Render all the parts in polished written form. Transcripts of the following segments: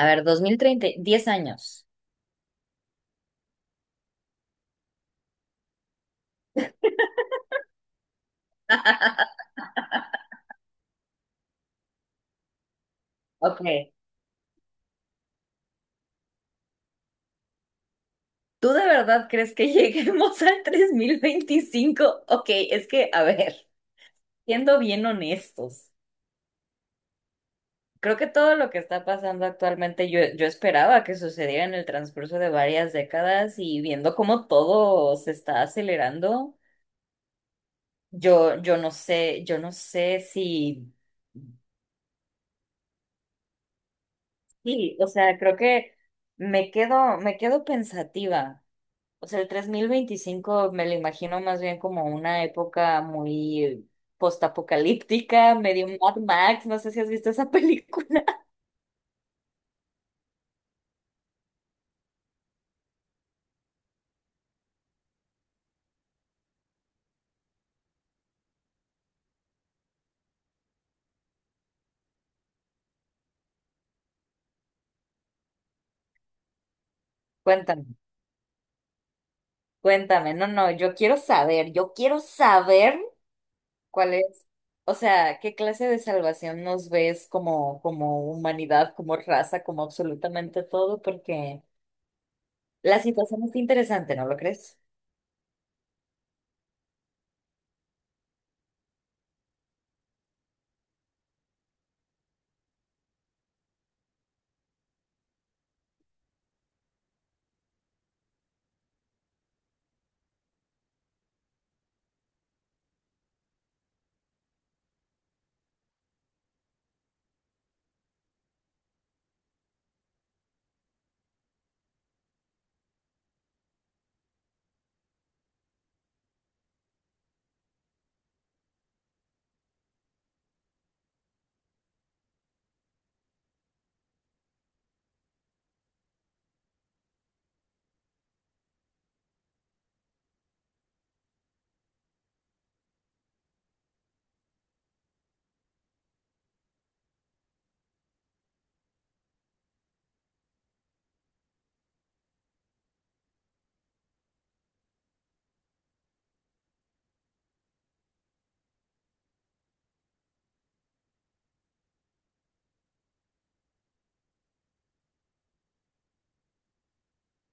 A ver, 2030, 10 años. Ok. ¿Tú de verdad crees que lleguemos al 3025? Ok, es que, a ver, siendo bien honestos, creo que todo lo que está pasando actualmente, yo esperaba que sucediera en el transcurso de varias décadas, y viendo cómo todo se está acelerando, yo no sé si, sí, o sea, creo que me quedo pensativa. O sea, el 3025 me lo imagino más bien como una época muy postapocalíptica, medio Mad Max. No sé si has visto esa película. Cuéntame, cuéntame, no, no, yo quiero saber cuál es, o sea, qué clase de salvación nos ves como humanidad, como raza, como absolutamente todo, porque la situación es interesante, ¿no lo crees?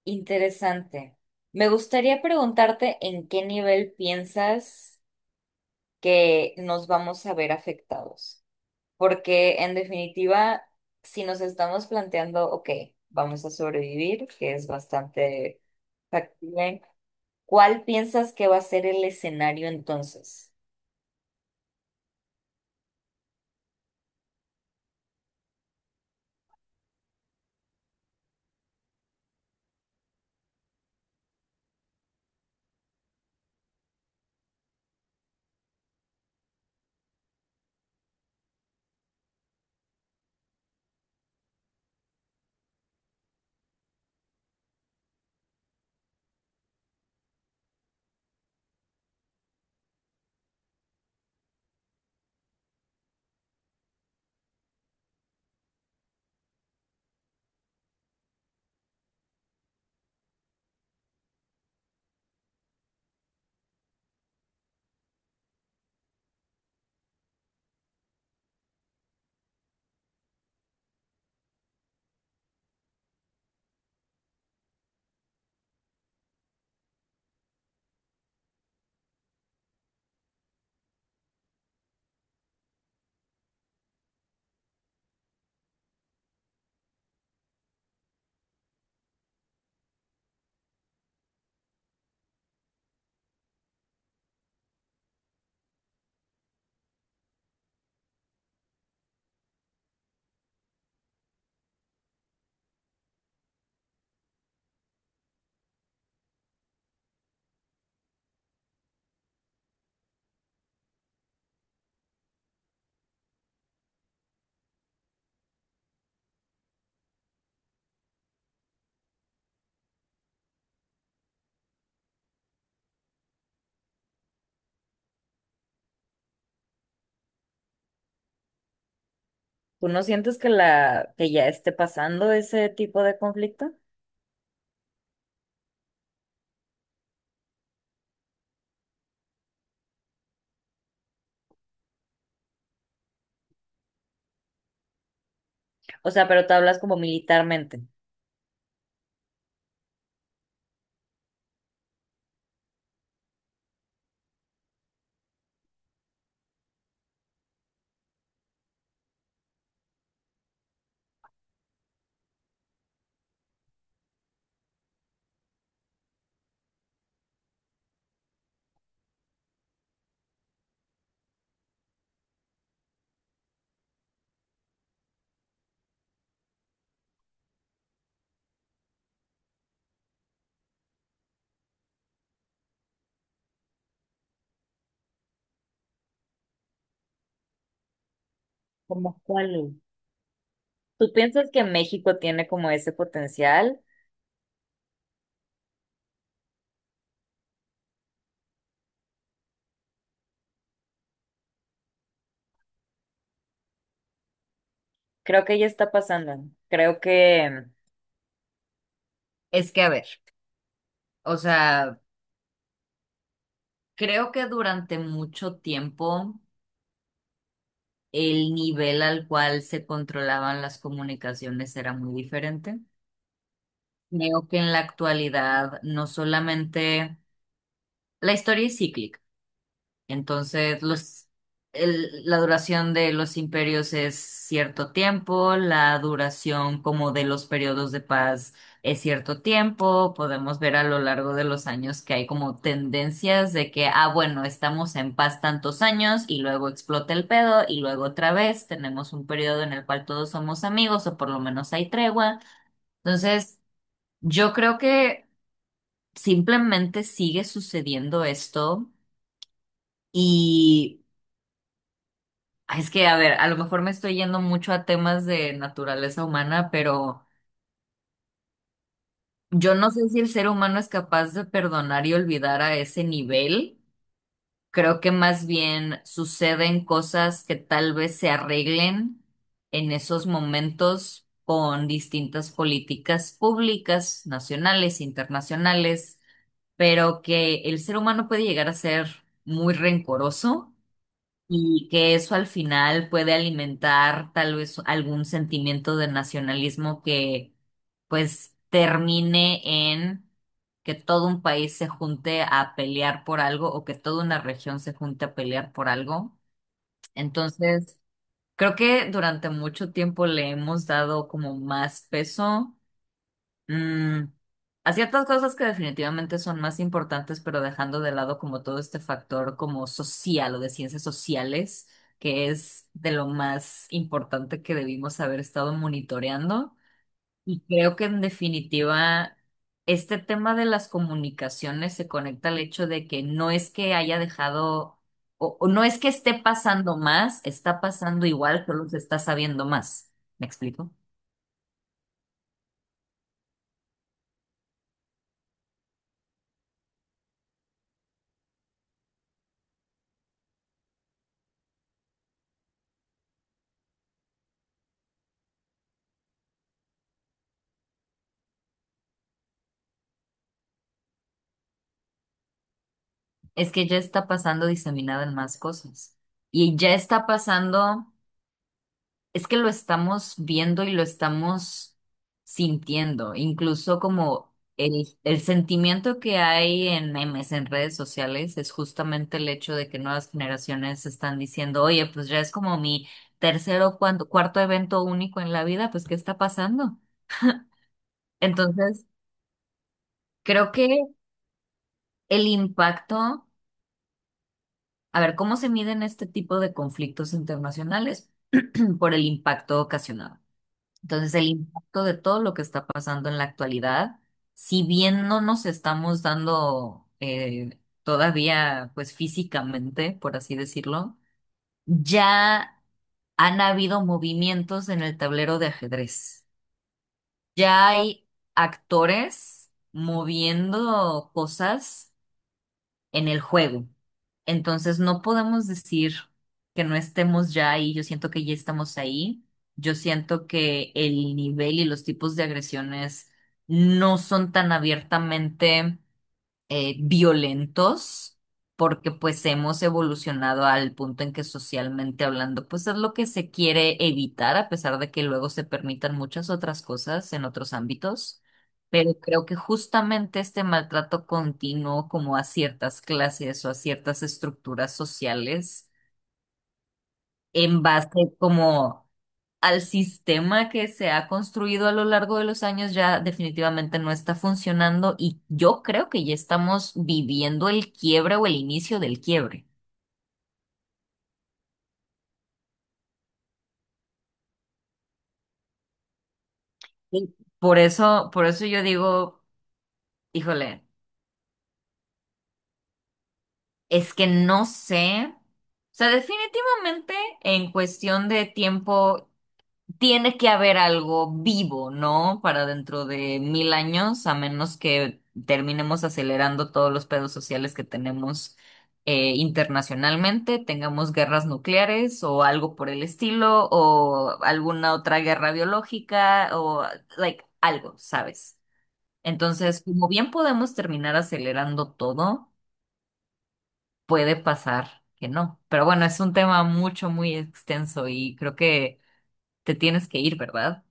Interesante. Me gustaría preguntarte en qué nivel piensas que nos vamos a ver afectados. Porque, en definitiva, si nos estamos planteando, ok, vamos a sobrevivir, que es bastante factible, ¿cuál piensas que va a ser el escenario entonces? ¿Tú no sientes que la que ya esté pasando ese tipo de conflicto? O sea, pero tú hablas como militarmente. ¿Como cuál? ¿Tú piensas que México tiene como ese potencial? Creo que ya está pasando. Creo que, es que, a ver, o sea, creo que durante mucho tiempo el nivel al cual se controlaban las comunicaciones era muy diferente. Creo que en la actualidad no solamente la historia es cíclica. Entonces, los, la duración de los imperios es cierto tiempo, la duración como de los periodos de paz es cierto tiempo. Podemos ver a lo largo de los años que hay como tendencias de que, ah, bueno, estamos en paz tantos años y luego explota el pedo y luego otra vez tenemos un periodo en el cual todos somos amigos, o por lo menos hay tregua. Entonces, yo creo que simplemente sigue sucediendo esto y. Ah, es que, a ver, a lo mejor me estoy yendo mucho a temas de naturaleza humana, pero yo no sé si el ser humano es capaz de perdonar y olvidar a ese nivel. Creo que más bien suceden cosas que tal vez se arreglen en esos momentos con distintas políticas públicas, nacionales, internacionales, pero que el ser humano puede llegar a ser muy rencoroso. Y que eso al final puede alimentar tal vez algún sentimiento de nacionalismo que pues termine en que todo un país se junte a pelear por algo, o que toda una región se junte a pelear por algo. Entonces, creo que durante mucho tiempo le hemos dado como más peso, Mm, a ciertas cosas que definitivamente son más importantes, pero dejando de lado como todo este factor como social o de ciencias sociales, que es de lo más importante que debimos haber estado monitoreando. Y creo que, en definitiva, este tema de las comunicaciones se conecta al hecho de que no es que haya dejado, o no es que esté pasando más, está pasando igual, pero se está sabiendo más. ¿Me explico? Es que ya está pasando diseminada en más cosas. Y ya está pasando, es que lo estamos viendo y lo estamos sintiendo, incluso como el sentimiento que hay en memes, en redes sociales, es justamente el hecho de que nuevas generaciones están diciendo, oye, pues ya es como mi tercer o cuarto evento único en la vida, pues ¿qué está pasando? Entonces, creo que el impacto. A ver, ¿cómo se miden este tipo de conflictos internacionales? Por el impacto ocasionado. Entonces, el impacto de todo lo que está pasando en la actualidad, si bien no nos estamos dando, todavía, pues físicamente, por así decirlo, ya han habido movimientos en el tablero de ajedrez. Ya hay actores moviendo cosas en el juego. Entonces no podemos decir que no estemos ya ahí. Yo siento que ya estamos ahí. Yo siento que el nivel y los tipos de agresiones no son tan abiertamente violentos, porque pues hemos evolucionado al punto en que socialmente hablando, pues es lo que se quiere evitar, a pesar de que luego se permitan muchas otras cosas en otros ámbitos. Pero creo que justamente este maltrato continuo como a ciertas clases o a ciertas estructuras sociales, en base como al sistema que se ha construido a lo largo de los años, ya definitivamente no está funcionando, y yo creo que ya estamos viviendo el quiebre o el inicio del quiebre. Sí. Por eso yo digo, híjole, es que no sé. O sea, definitivamente, en cuestión de tiempo tiene que haber algo vivo, ¿no? Para dentro de 1000 años, a menos que terminemos acelerando todos los pedos sociales que tenemos, internacionalmente, tengamos guerras nucleares o algo por el estilo, o alguna otra guerra biológica, o like algo, ¿sabes? Entonces, como bien podemos terminar acelerando todo, puede pasar que no. Pero bueno, es un tema mucho, muy extenso, y creo que te tienes que ir, ¿verdad?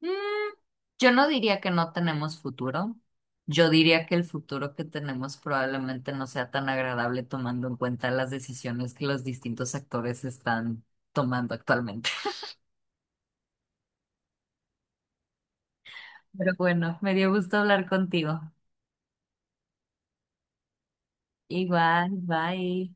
Mm, yo no diría que no tenemos futuro. Yo diría que el futuro que tenemos probablemente no sea tan agradable, tomando en cuenta las decisiones que los distintos actores están tomando actualmente. Pero bueno, me dio gusto hablar contigo. Igual, bye.